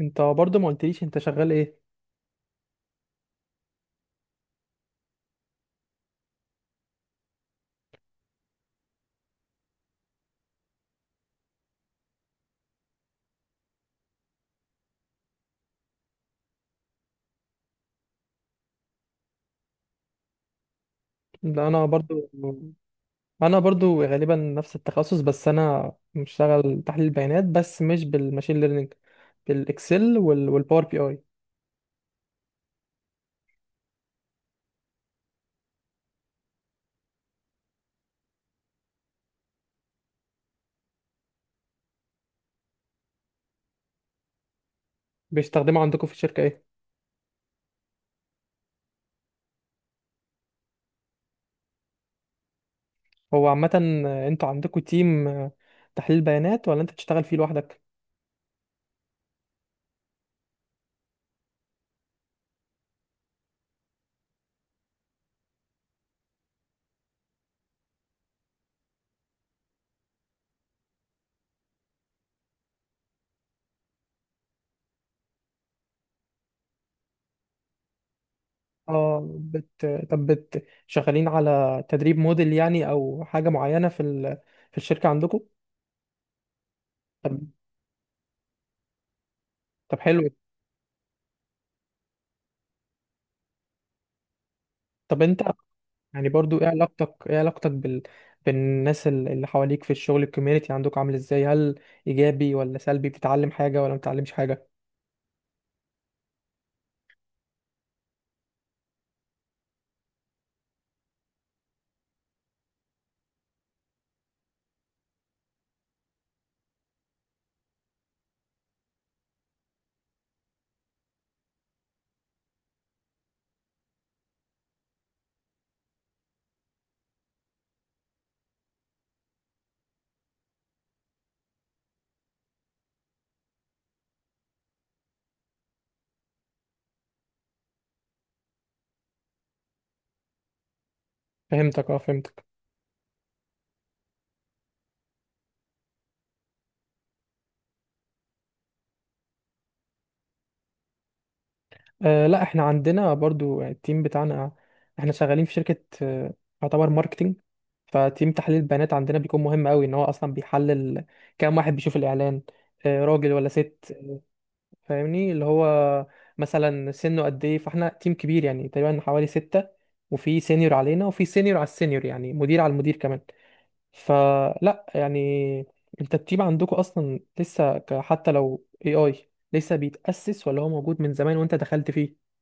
انت برضو ما قلتليش انت شغال ايه؟ لا، انا برضو غالبا نفس التخصص، بس انا بشتغل تحليل بيانات بس مش بالماشين ليرنينج، بالاكسل وال... والباور بي اي. بيستخدموا عندكم في الشركة ايه؟ هو عامة انتوا عندكم تيم تحليل بيانات ولا انت بتشتغل فيه لوحدك؟ اه شغالين على تدريب موديل يعني او حاجة معينة في الشركة عندكم؟ طب، حلو. طب انت يعني برضو ايه علاقتك بالناس اللي حواليك في الشغل، الكوميونتي عندك عامل ازاي؟ هل ايجابي ولا سلبي؟ بتتعلم حاجة ولا ما بتتعلمش حاجة؟ فهمتك، اه. آه لا، احنا عندنا برضو التيم بتاعنا، احنا شغالين في شركة آه، يعتبر ماركتينج. فتيم تحليل البيانات عندنا بيكون مهم قوي، ان هو اصلا بيحلل كام واحد بيشوف الاعلان، آه راجل ولا ست. فاهمني اللي هو مثلا سنه قد ايه. فاحنا تيم كبير يعني تقريبا حوالي ستة، وفي سينيور علينا وفي سينيور على السينيور يعني مدير على المدير كمان. فلا يعني انت التيم عندكم اصلا لسه حتى لو اي لسه بيتأسس، ولا هو موجود من زمان وانت دخلت فيه؟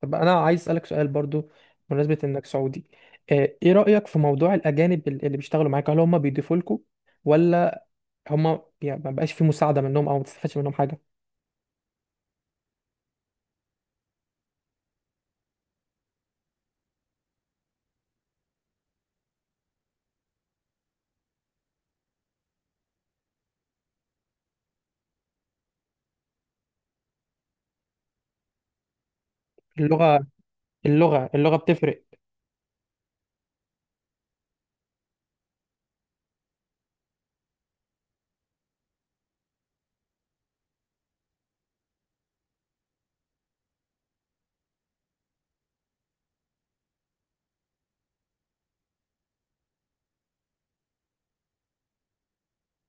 طب انا عايز اسألك سؤال برضو بمناسبة انك سعودي. آه، ايه رأيك في موضوع الاجانب اللي بيشتغلوا معاك؟ هل هم بيضيفوا لكم، ولا هم يعني ما بقاش في مساعدة منهم او ما تستفادش منهم حاجة؟ اللغة اللغة اللغة بتفرق.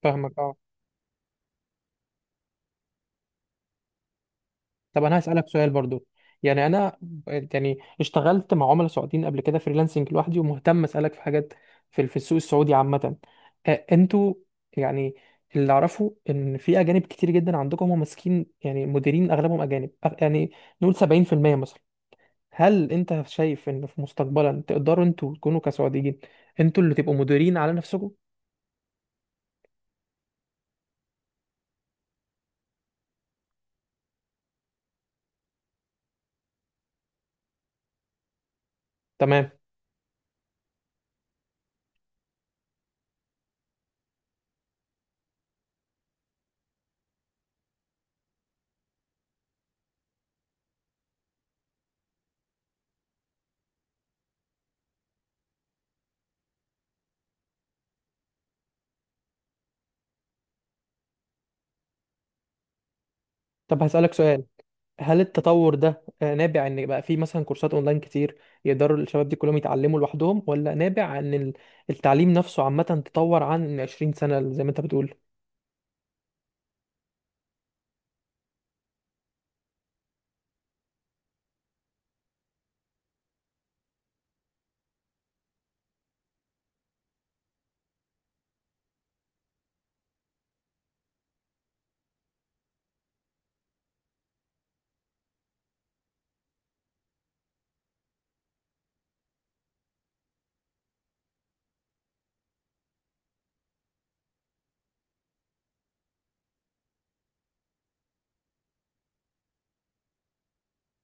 فاهمك اه. طب انا هسألك سؤال برضو، يعني انا يعني اشتغلت مع عملاء سعوديين قبل كده فريلانسنج لوحدي، ومهتم اسألك في حاجات في في السوق السعودي عامة. آه، انتوا يعني اللي اعرفه ان في اجانب كتير جدا عندكم، هم ماسكين يعني مديرين، اغلبهم اجانب، يعني نقول 70% مثلا. هل انت شايف ان في مستقبلا تقدروا انتوا تكونوا كسعوديين، انتوا اللي تبقوا مديرين على نفسكم؟ تمام. طب هسألك سؤال. هل التطور ده آه، نابع ان بقى في مثلا كورسات اونلاين كتير يقدروا الشباب دي كلهم يتعلموا لوحدهم، ولا نابع ان التعليم نفسه عامة تطور عن 20 سنة زي ما انت بتقول؟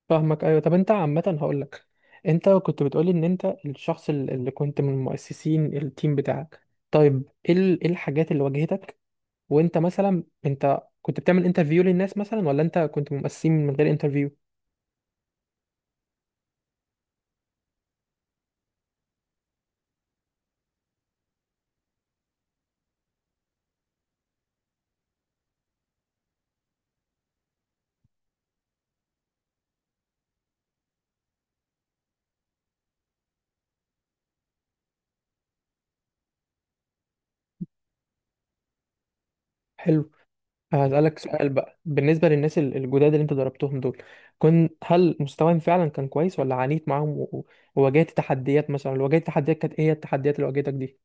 فاهمك ايوه. طب انت عامة هقول لك، انت كنت بتقولي ان انت الشخص اللي كنت من مؤسسين التيم بتاعك. طيب ايه إيه الحاجات اللي واجهتك؟ وانت مثلا، كنت بتعمل انترفيو للناس مثلا، ولا انت كنت من مؤسسين من غير انترفيو؟ حلو. هسألك سؤال بقى بالنسبة للناس الجداد اللي انت ضربتهم دول، كن هل مستواهم فعلا كان كويس، ولا عانيت معاهم وواجهت تحديات؟ مثلا لو واجهت تحديات، كانت ايه هي التحديات اللي واجهتك دي؟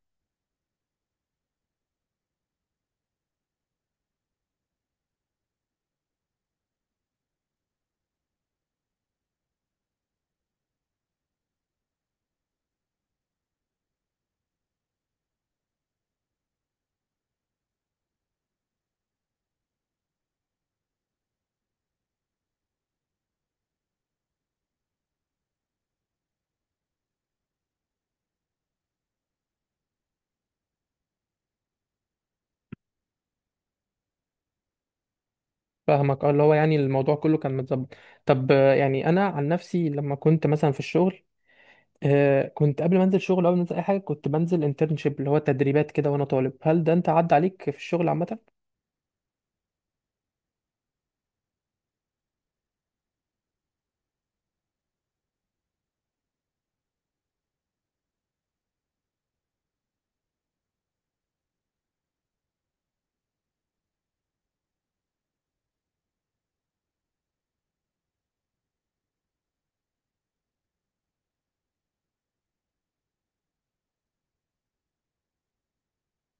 فاهمك اه. اللي هو يعني الموضوع كله كان متظبط. طب آه، يعني انا عن نفسي لما كنت مثلا في الشغل، آه، كنت قبل ما انزل شغل، قبل ما انزل اي حاجة كنت بنزل انترنشيب اللي هو تدريبات كده وانا طالب. هل ده انت عدى عليك في الشغل عامة؟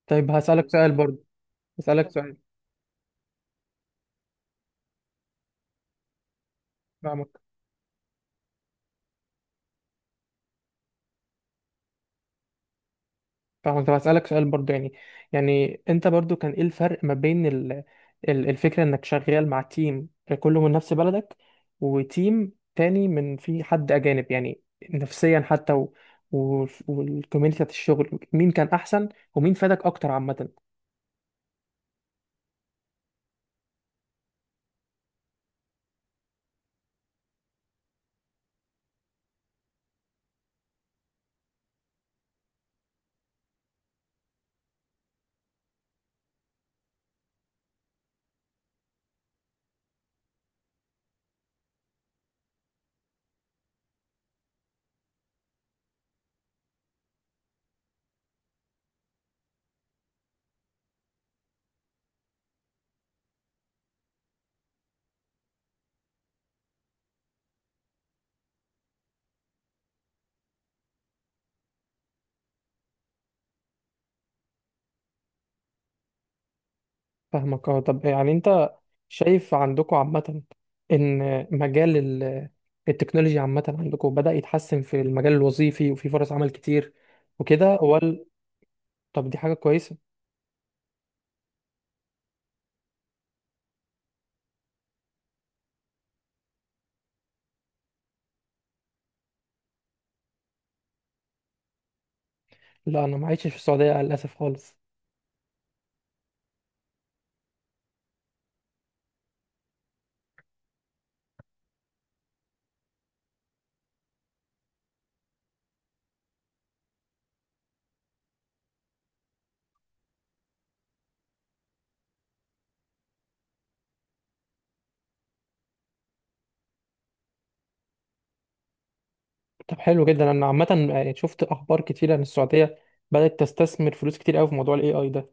طيب هسألك سؤال برضه. هسألك سؤال. فاهمك. طب هسألك سؤال برضو يعني، يعني انت برضو كان ايه الفرق ما بين الفكرة انك شغال مع تيم كله من نفس بلدك، وتيم تاني من في حد اجانب يعني؟ نفسيا حتى و والكوميونتي بتاعت الشغل، مين كان احسن ومين فادك اكتر عامة؟ فاهمك اه. طب يعني انت شايف عندكم عامة ان مجال التكنولوجيا عامة عندكم بدأ يتحسن في المجال الوظيفي وفي فرص عمل كتير وكده، ولا؟ طب دي حاجة كويسة. لا انا ما عشتش في السعوديه للاسف خالص. طب حلو جدا. انا عامه يعني شفت اخبار كتير عن السعوديه بدات تستثمر فلوس كتير قوي في موضوع الاي اي ده.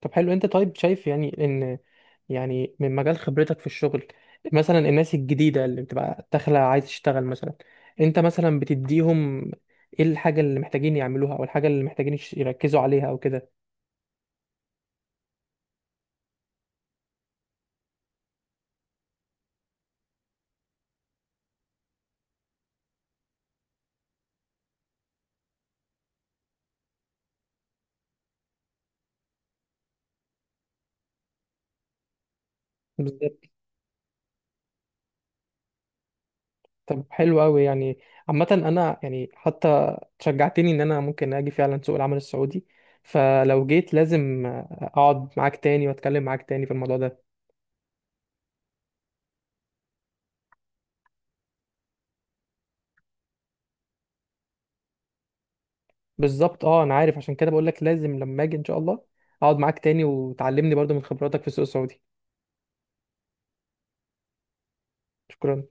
طب حلو. انت طيب شايف يعني ان، يعني من مجال خبرتك في الشغل، مثلا الناس الجديده اللي بتبقى داخله عايز تشتغل مثلا، انت مثلا بتديهم ايه الحاجه اللي محتاجين يعملوها، او الحاجه اللي محتاجين يركزوا عليها او كده؟ طب حلو قوي. يعني عامة انا يعني حتى شجعتني ان انا ممكن اجي فعلا سوق العمل السعودي. فلو جيت لازم اقعد معاك تاني واتكلم معاك تاني في الموضوع ده. بالظبط اه، انا عارف، عشان كده بقول لك لازم لما اجي ان شاء الله اقعد معاك تاني وتعلمني برضو من خبراتك في السوق السعودي. شكرا.